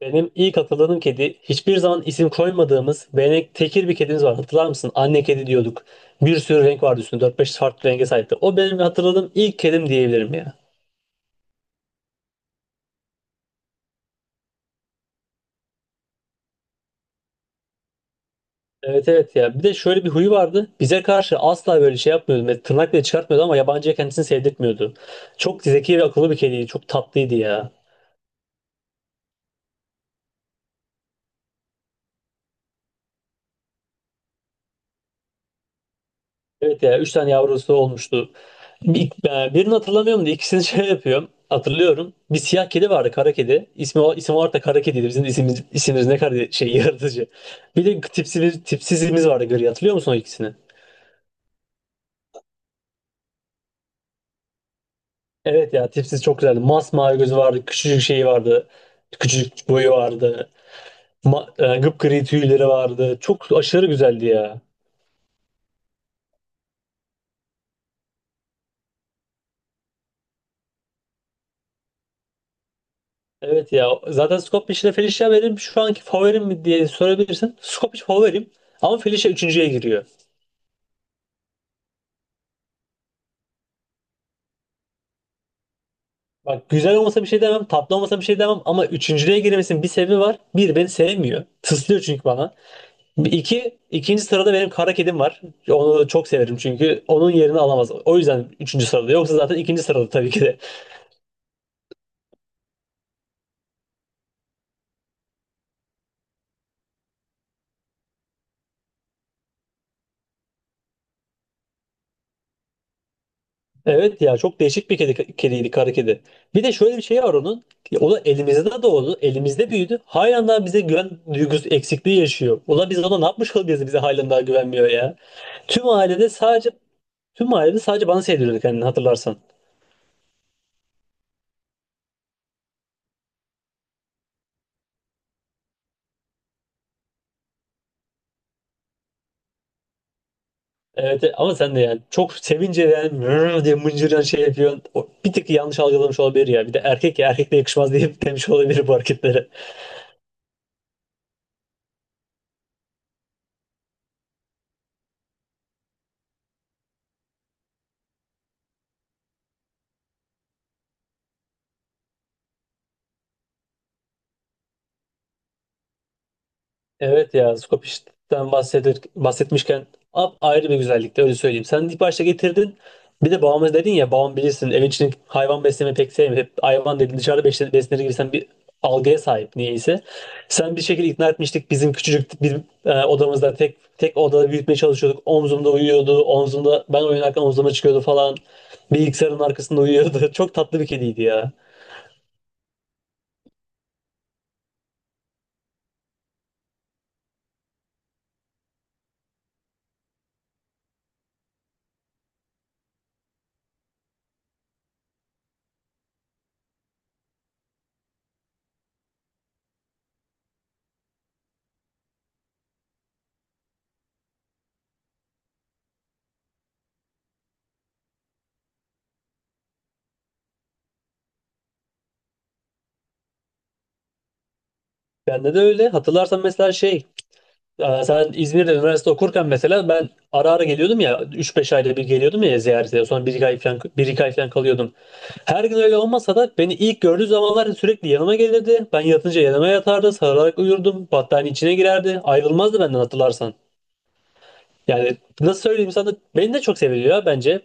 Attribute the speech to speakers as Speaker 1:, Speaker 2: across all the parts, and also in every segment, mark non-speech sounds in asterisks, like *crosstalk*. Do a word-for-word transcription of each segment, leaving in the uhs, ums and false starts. Speaker 1: Benim ilk hatırladığım kedi hiçbir zaman isim koymadığımız benek tekir bir kedimiz var. Hatırlar mısın? Anne kedi diyorduk. Bir sürü renk vardı üstünde. Dört beş farklı renge sahipti. O benim hatırladığım ilk kedim diyebilirim ya. Evet evet ya. Bir de şöyle bir huyu vardı. Bize karşı asla böyle şey yapmıyordu. Ve tırnak bile çıkartmıyordu ama yabancıya kendisini sevdirtmiyordu. Çok zeki ve akıllı bir kediydi. Çok tatlıydı ya. Evet ya üç tane yavrusu olmuştu. Bir, e, Birini hatırlamıyorum da ikisini *laughs* şey yapıyorum. Hatırlıyorum. Bir siyah kedi vardı kara kedi. İsmi, o- isim olarak da kara kediydi. Bizim isimimiz, isimimiz ne kadar şey *laughs* yaratıcı. Bir de tipsiz, tipsizimiz vardı gri. Hatırlıyor musun o ikisini? Evet ya tipsiz çok güzeldi. Masmavi gözü vardı. Küçücük şeyi vardı. Küçücük boyu vardı. Ma, e, gıpgri tüyleri vardı. Çok aşırı güzeldi ya. Evet ya zaten Skopje ile Felicia benim şu anki favorim mi diye sorabilirsin. Skopje favorim ama Felicia üçüncüye giriyor. Bak güzel olmasa bir şey demem, tatlı olmasa bir şey demem ama üçüncülüğe girmesinin bir sebebi var. Bir, beni sevmiyor. Tıslıyor çünkü bana. Bir- İki, ikinci sırada benim kara kedim var. Onu çok severim çünkü onun yerini alamaz. O yüzden üçüncü sırada. Yoksa zaten ikinci sırada tabii ki de. *laughs* Evet ya çok değişik bir kedi, kediydi kara kedi. Bir de şöyle bir şey var onun. O da elimizde doğdu. Elimizde büyüdü. Halen daha bize güven duygusu eksikliği yaşıyor. Ula biz ona ne yapmış olabiliriz bize halen daha güvenmiyor ya. Tüm ailede sadece tüm ailede sadece bana sevdiriyordu kendini hatırlarsan. Evet, e, ama sen de yani çok sevince yani "Vrr" diye mıncıran şey yapıyorsun. O bir tık yanlış algılamış olabilir ya. Bir de erkek ya erkekle yakışmaz diye *laughs* demiş olabilir bu hareketlere. Evet ya Skopje'den bahsedir, bahsetmişken ap ayrı bir güzellikte öyle söyleyeyim. Sen ilk başta getirdin. Bir de babamız dedin ya babam bilirsin evin içinde hayvan beslemeyi pek sevmiyor. Hep hayvan dedin dışarıda beslenir, beslenir gibi sen bir algıya sahip niyeyse. Sen bir şekilde ikna etmiştik bizim küçücük bir e, odamızda tek tek odada büyütmeye çalışıyorduk. Omzumda uyuyordu. Omzumda ben oynarken omzuma çıkıyordu falan. Bilgisayarın arkasında uyuyordu. *laughs* Çok tatlı bir kediydi ya. Bende de öyle. Hatırlarsan mesela şey. Ya sen İzmir'de üniversite okurken mesela ben ara ara geliyordum ya üç beş ayda bir geliyordum ya ziyarete, sonra bir iki ay falan, bir iki ay falan kalıyordum. Her gün öyle olmasa da beni ilk gördüğü zamanlar sürekli yanıma gelirdi. Ben yatınca yanıma yatardı, sarılarak uyurdum, battaniye içine girerdi. Ayrılmazdı benden hatırlarsan. Yani nasıl söyleyeyim sana, beni de çok seviyor ya bence.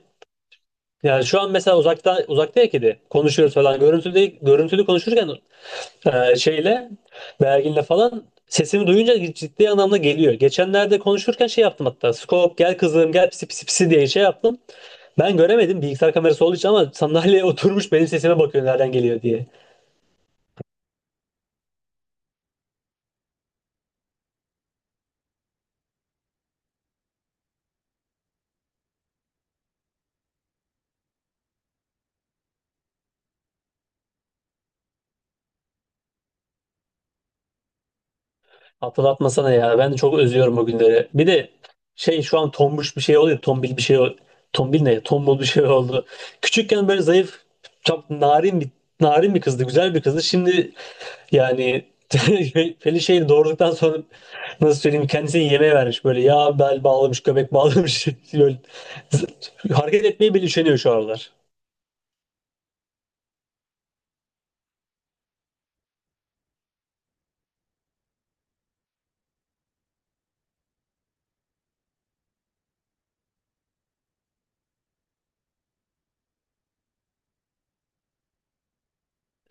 Speaker 1: Yani şu an mesela uzakta uzakta ya kedi. Konuşuyoruz falan. Görüntülü görüntülü konuşurken e, şeyle verginle falan sesimi duyunca ciddi anlamda geliyor. Geçenlerde konuşurken şey yaptım hatta. Skop gel kızım, gel pisi pisi pisi diye şey yaptım. Ben göremedim bilgisayar kamerası olduğu için ama sandalyeye *laughs* oturmuş benim sesime bakıyor nereden geliyor diye. Hatırlatmasana ya. Ben de çok özlüyorum o günleri. Bir de şey, şu an tombuş bir şey oluyor. Tombil bir şey ol- Tombil ne? Tombul bir şey oldu. Küçükken böyle zayıf, çok narin bir narin bir kızdı. Güzel bir kızdı. Şimdi yani *laughs* Feli şeyi doğurduktan sonra nasıl söyleyeyim, kendisini yemeğe vermiş, böyle yağ bel bağlamış, göbek bağlamış *laughs* böyle hareket etmeyi bile üşeniyor şu aralar.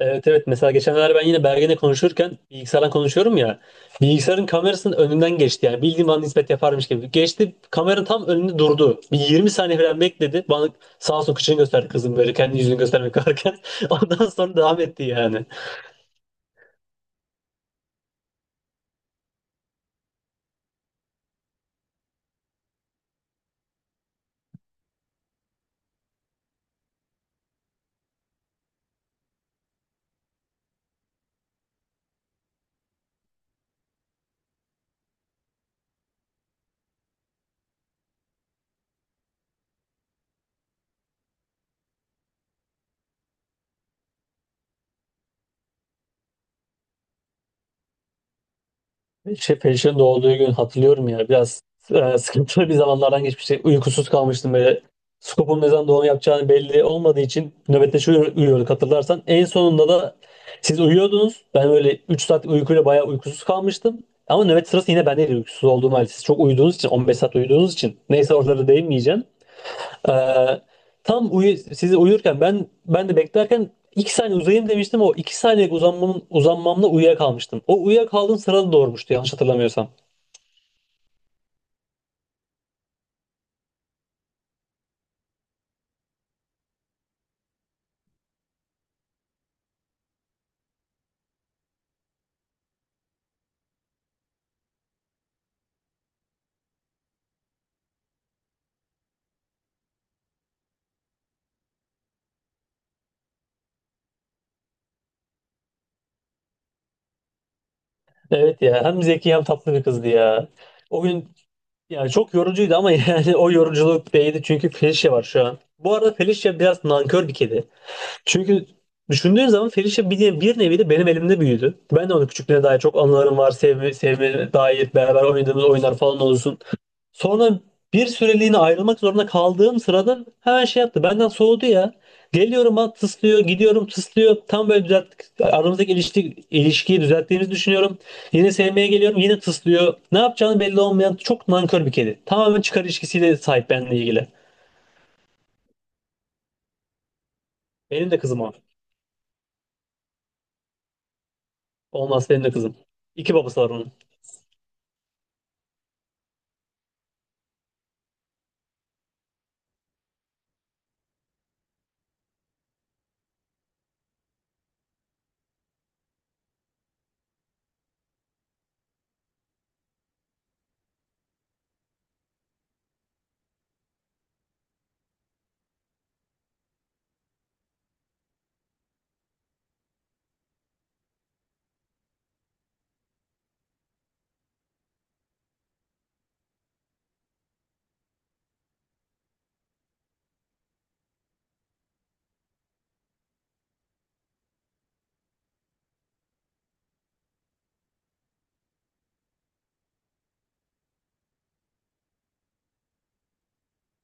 Speaker 1: Evet evet, mesela geçenlerde ben yine Bergen'le konuşurken, bilgisayardan konuşuyorum ya, bilgisayarın kamerasının önünden geçti, yani bildiğim bana nispet yaparmış gibi geçti, kamera tam önünde durdu, bir yirmi saniye falan bekledi, bana sağ olsun kıçını gösterdi kızım, böyle kendi yüzünü göstermek varken *laughs* ondan sonra devam etti yani. Şey, Perişan'ın doğduğu gün hatırlıyorum ya. Biraz e, sıkıntılı bir zamanlardan geçmişti. Uykusuz kalmıştım böyle. Skop'un ne zaman doğum yapacağını belli olmadığı için nöbetleşe uyu- uyuyorduk hatırlarsan. En sonunda da siz uyuyordunuz. Ben böyle üç saat uykuyla bayağı uykusuz kalmıştım. Ama nöbet sırası yine bendeydi uykusuz olduğum halde. Siz çok uyuduğunuz için, on beş saat uyuduğunuz için. Neyse, oraları değinmeyeceğim. Ee, tam uyu, sizi uyurken ben ben de beklerken iki saniye uzayayım demiştim. O iki saniyelik uzanmamın, uzanmamla uyuyakalmıştım. O uyuyakaldığım sırada doğurmuştu yanlış hatırlamıyorsam. Evet ya, hem zeki hem tatlı bir kızdı ya. O gün yani çok yorucuydu ama *laughs* yani o yoruculuk değdi çünkü Felicia var şu an. Bu arada Felicia biraz nankör bir kedi. Çünkü düşündüğün zaman Felicia bir, ne- bir nevi de benim elimde büyüdü. Ben de onu, küçüklüğüne dair çok anılarım var. Sevme, sevme dair beraber oynadığımız oyunlar falan olsun. Sonra bir süreliğine ayrılmak zorunda kaldığım sırada hemen şey yaptı. Benden soğudu ya. Geliyorum bana tıslıyor, gidiyorum tıslıyor. Tam böyle düzelttik. Aramızdaki ilişki, ilişkiyi düzelttiğimizi düşünüyorum. Yine sevmeye geliyorum, yine tıslıyor. Ne yapacağını belli olmayan çok nankör bir kedi. Tamamen çıkar ilişkisiyle sahip benimle ilgili. Benim de kızım o. Olmaz, benim de kızım. İki babası var onun.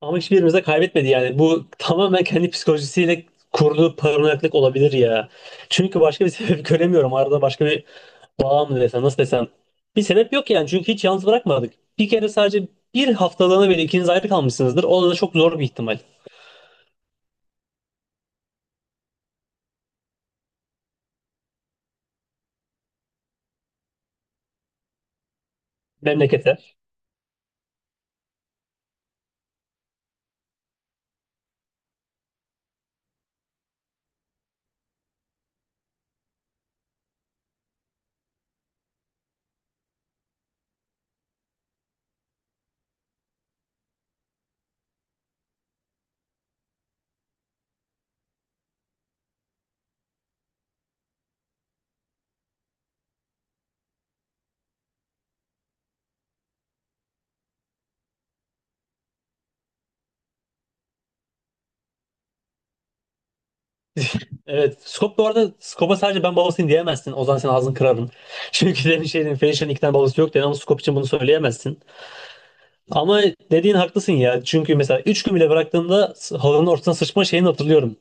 Speaker 1: Ama hiçbirimiz de kaybetmedi yani. Bu tamamen kendi psikolojisiyle kurduğu paranoyaklık olabilir ya. Çünkü başka bir sebep *laughs* göremiyorum. Arada başka bir bağ mı desem, nasıl desem. Bir sebep yok yani, çünkü hiç yalnız bırakmadık. Bir kere sadece bir haftalığına bile ikiniz ayrı kalmışsınızdır. O da çok zor bir ihtimal. Memlekete. Evet. Skop bu arada Skop'a sadece ben babasıyım diyemezsin. O zaman sen, ağzını kırarım. *laughs* Çünkü demin şey dedim. Fenişir'in iki tane babası yok dedin ama Skop için bunu söyleyemezsin. Ama dediğin haklısın ya. Çünkü mesela üç gün bile bıraktığımda s- halının ortasına sıçma şeyini hatırlıyorum.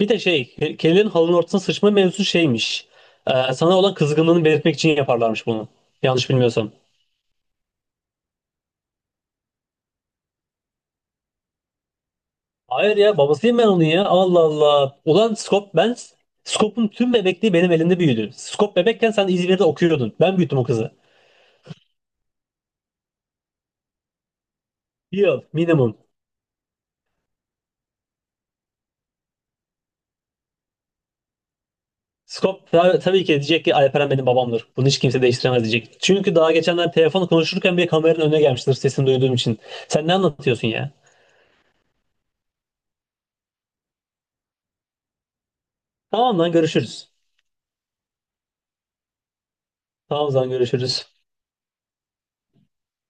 Speaker 1: Bir de şey, ke- kedilerin halının ortasına sıçma mevzusu şeymiş. Ee, sana olan kızgınlığını belirtmek için yaparlarmış bunu. Yanlış bilmiyorsam. Hayır ya, babasıyım ben onun ya. Allah Allah. Ulan Skop, ben Skop'un tüm bebekliği benim elimde büyüdü. Skop bebekken sen İzmir'de okuyordun. Ben büyüttüm o kızı. Bir yıl minimum. Skop ta- tabii ki diyecek ki Alperen benim babamdır. Bunu hiç kimse değiştiremez diyecek. Çünkü daha geçenler telefonu konuşurken bile kameranın önüne gelmiştir sesini duyduğum için. Sen ne anlatıyorsun ya? Tamam lan, görüşürüz. Tamam lan, görüşürüz.